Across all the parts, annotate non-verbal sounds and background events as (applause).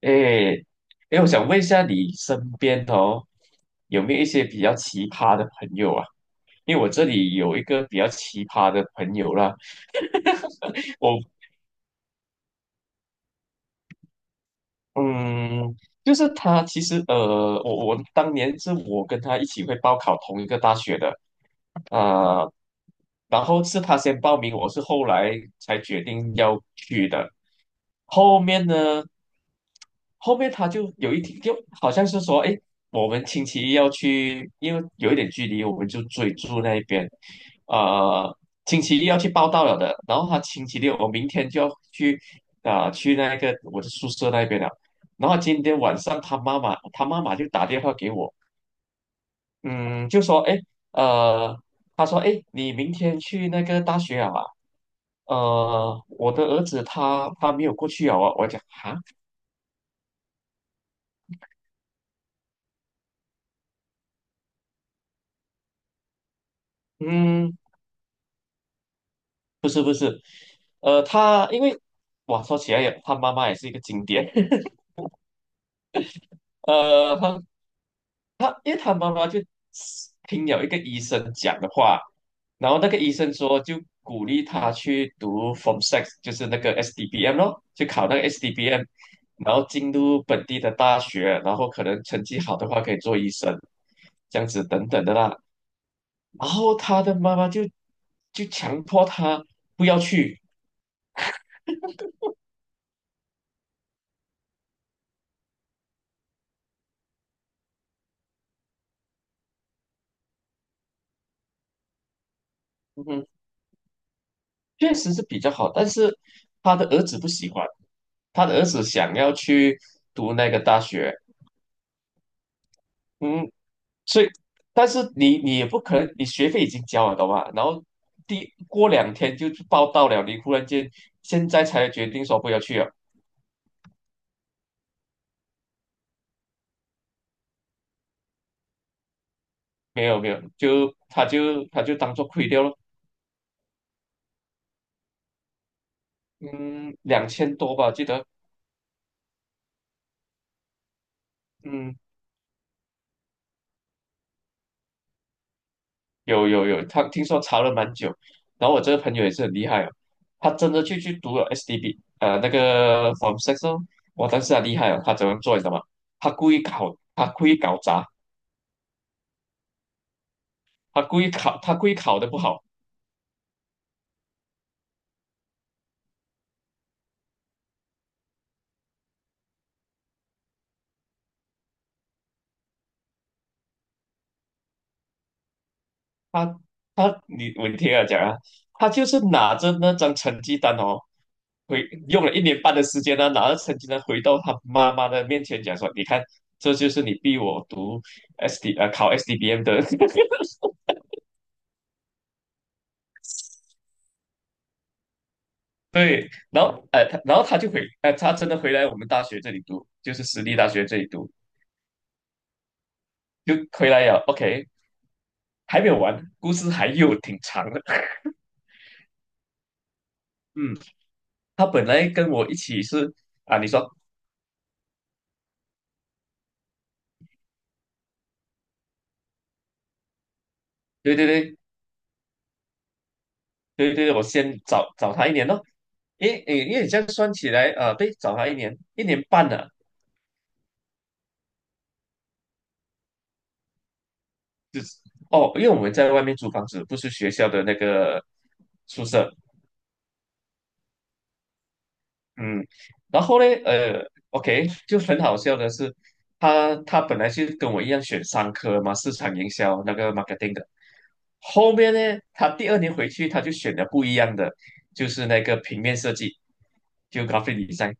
诶，诶，我想问一下，你身边哦，有没有一些比较奇葩的朋友啊？因为我这里有一个比较奇葩的朋友啦。我嗯，就是他其实我当年是我跟他一起会报考同一个大学的。啊、然后是他先报名，我是后来才决定要去的。后面呢，后面他就有一天就好像是说，哎，我们星期一要去。因为有一点距离，我们就追住那边，呃，星期一要去报到了的。然后他星期六，我明天就要去去那个我的宿舍那边了。然后今天晚上他妈妈就打电话给我。嗯，就说哎，呃，他说哎，诶你明天去那个大学啊？我的儿子他没有过去啊，我讲啊。嗯，不是不是，他因为哇，说起来也，他妈妈也是一个经典。(laughs) 呃，他他因为他妈妈就听了一个医生讲的话。然后那个医生说就鼓励他去读 Form Six，就是那个 S D B M 咯，就考那个 S D B M， 然后进入本地的大学。然后可能成绩好的话可以做医生，这样子等等的啦。然后他的妈妈就强迫他不要去。嗯哼，确实是比较好，但是他的儿子不喜欢，他的儿子想要去读那个大学。嗯，所以，但是你也不可能，你学费已经交了，懂吗？然后过两天就报到了，你忽然间现在才决定说不要去了。没有没有，就他就他就当做亏掉了。嗯，2000多吧，记得。嗯，有有有，他听说查了蛮久。然后我这个朋友也是很厉害啊，他真的就去读了 SDB，那个 Form Six 哦。哇，但是他厉害啊。他怎么做你知道吗？他故意考，他故意搞砸，他故意考，他故意考的不好。他他你我听他讲啊，他就是拿着那张成绩单哦，回用了一年半的时间呢、拿着成绩单回到他妈妈的面前讲说，你看，这就是你逼我读 SD 考 SDBM 的。(laughs) 对。然后他就他真的回来我们大学这里读，就是私立大学这里读，就回来了。OK，还没有完，故事还有挺长的。(laughs) 嗯，他本来跟我一起是。啊，你说，对对对，对对，我先找他一年咯。因为你这样算起来，对，找他一年半了。就是哦，因为我们在外面租房子，不是学校的那个宿舍。嗯，然后呢，OK，就很好笑的是，他本来是跟我一样选商科嘛，市场营销那个 marketing 的。后面呢，他第二年回去他就选了不一样的，就是那个平面设计，就 graphic design。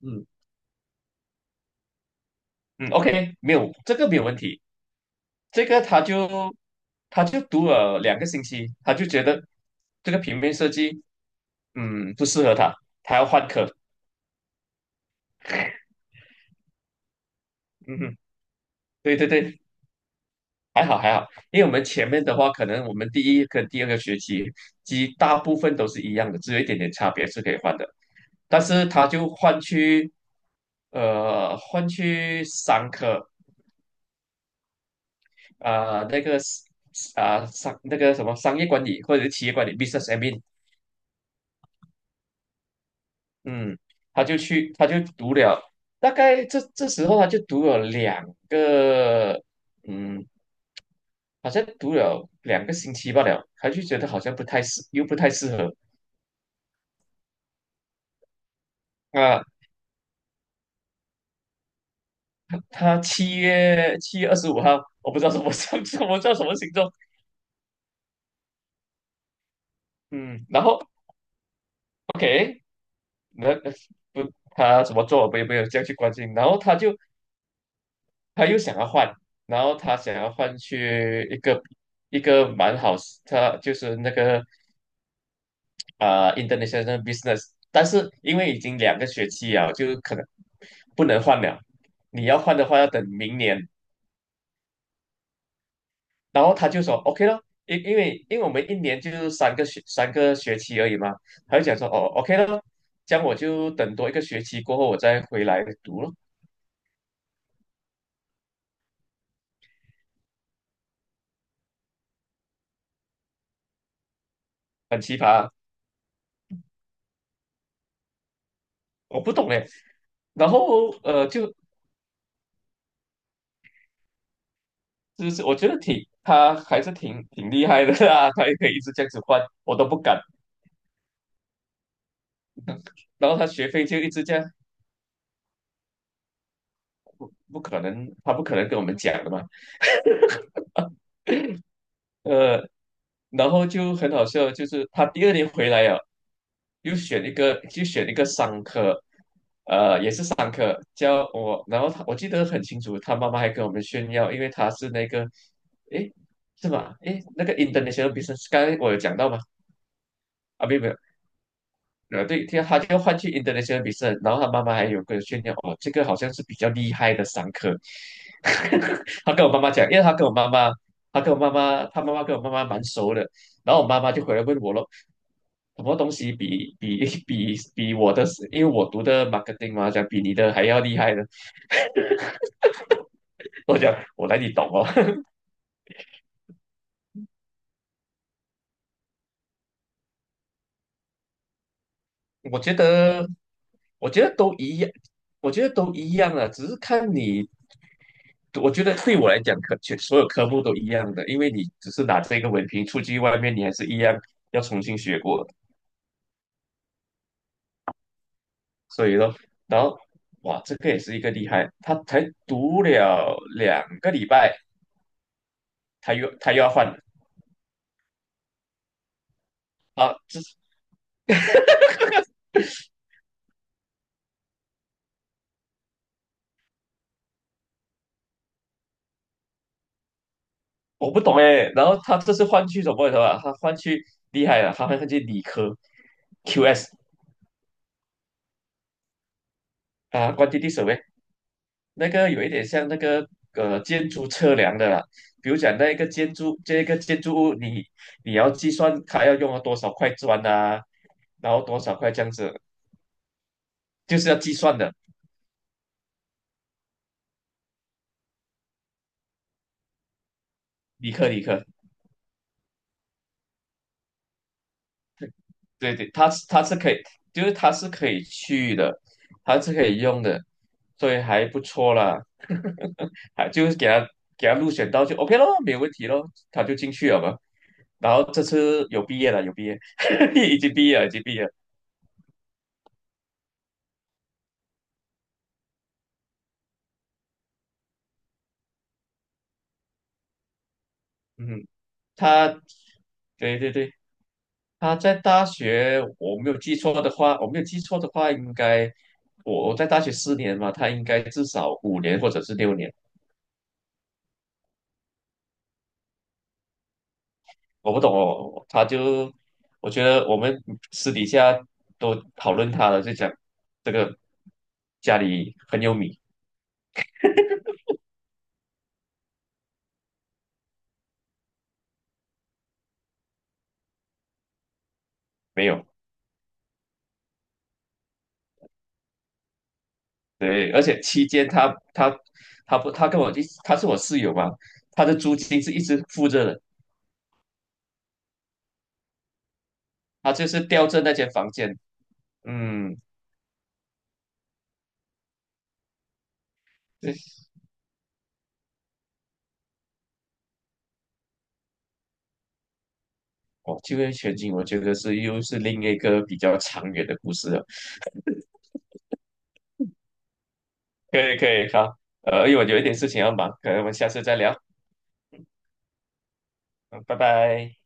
嗯嗯，OK，没有问题。这个他就读了两个星期，他就觉得这个平面设计，不适合他，他要换课。嗯哼，对对对，还好还好，因为我们前面的话，可能我们第一跟第二个学期其实大部分都是一样的，只有一点点差别是可以换的。但是他就换去商科，啊、呃那个那个什么商业管理或者是企业管理 business admin。嗯，他就去，他就读了，大概这时候他就读了两个，嗯，好像读了两个星期罢了，他就觉得好像不太适，又不太适合。啊，他七月二十五号。我不知道什么星 (laughs)，什么星座。嗯，然后 OK，那不他怎么做，我也没有这样去关心。然后他又想要换。然后他想要换去一个蛮好。他就是那个international business，但是因为已经两个学期了，就可能不能换了。你要换的话，要等明年。然后他就说 OK 咯。因为我们一年就是三个学期而已嘛。他就讲说哦 OK 咯，这样我就等多一个学期过后我再回来读咯。很奇葩啊。我不懂哎。然后就是我觉得他还是挺厉害的啊。(laughs) 他也可以一直这样子换，我都不敢。然后他学费就一直这样。不可能，他不可能跟我们讲的嘛。呃，然后就很好笑，就是他第二年回来呀，又选一个，就选一个商科，商科教我。然后我记得很清楚，他妈妈还跟我们炫耀，因为他是那个，诶，是吧？诶，那个 International Business，刚才我有讲到吗？啊，没有没有，对，听他就换去 international 比赛，然后他妈妈还有个炫耀，哦，这个好像是比较厉害的商科。(laughs) 他跟我妈妈讲，因为他妈妈跟我妈妈蛮熟的。然后我妈妈就回来问我咯，什么东西比 (laughs) 比我的，因为我读的 marketing 嘛，讲比你的还要厉害呢。我讲我哪里懂哦。(laughs) 我觉得我觉得都一样，我觉得都一样啊。只是看你我觉得对我来讲，全所有科目都一样的，因为你只是拿这个文凭出去外面，你还是一样要重新学过的。所以说，然后哇，这个也是一个厉害，他才读了两个礼拜，他又要换啊。这是我不懂哎。然后他这次换去什么？的啊？吧？他换去厉害了，他换去理科 QS， 关 u a n t， 那个有一点像那个建筑测量的啦。比如讲那一个建筑这一个建筑物你要计算它要用了多少块砖啊，然后多少块这样子，就是要计算的。理科理科，对对，它是可以，就是它是可以去的，它是可以用的，所以还不错啦。(laughs) 还就是给他入选到就 OK 咯，没有问题咯，他就进去了嘛。然后这次有毕业了，有毕业。(laughs) 已经毕业了，已经毕业了。嗯，他，对对对，他在大学，我没有记错的话，应该我在大学4年嘛，他应该至少5年或者是6年。我不懂哦，他就，我觉得我们私底下都讨论他了，就讲这个家里很有米。没有，对。而且期间他他他不他跟我一他是我室友嘛。他的租金是一直付着的，他就是吊着那间房间。嗯。对。哦，就业前景，我觉得又是另一个比较长远的故事了。可以，可以，好，因为我有一点事情要忙，可能我们下次再聊。嗯，拜拜。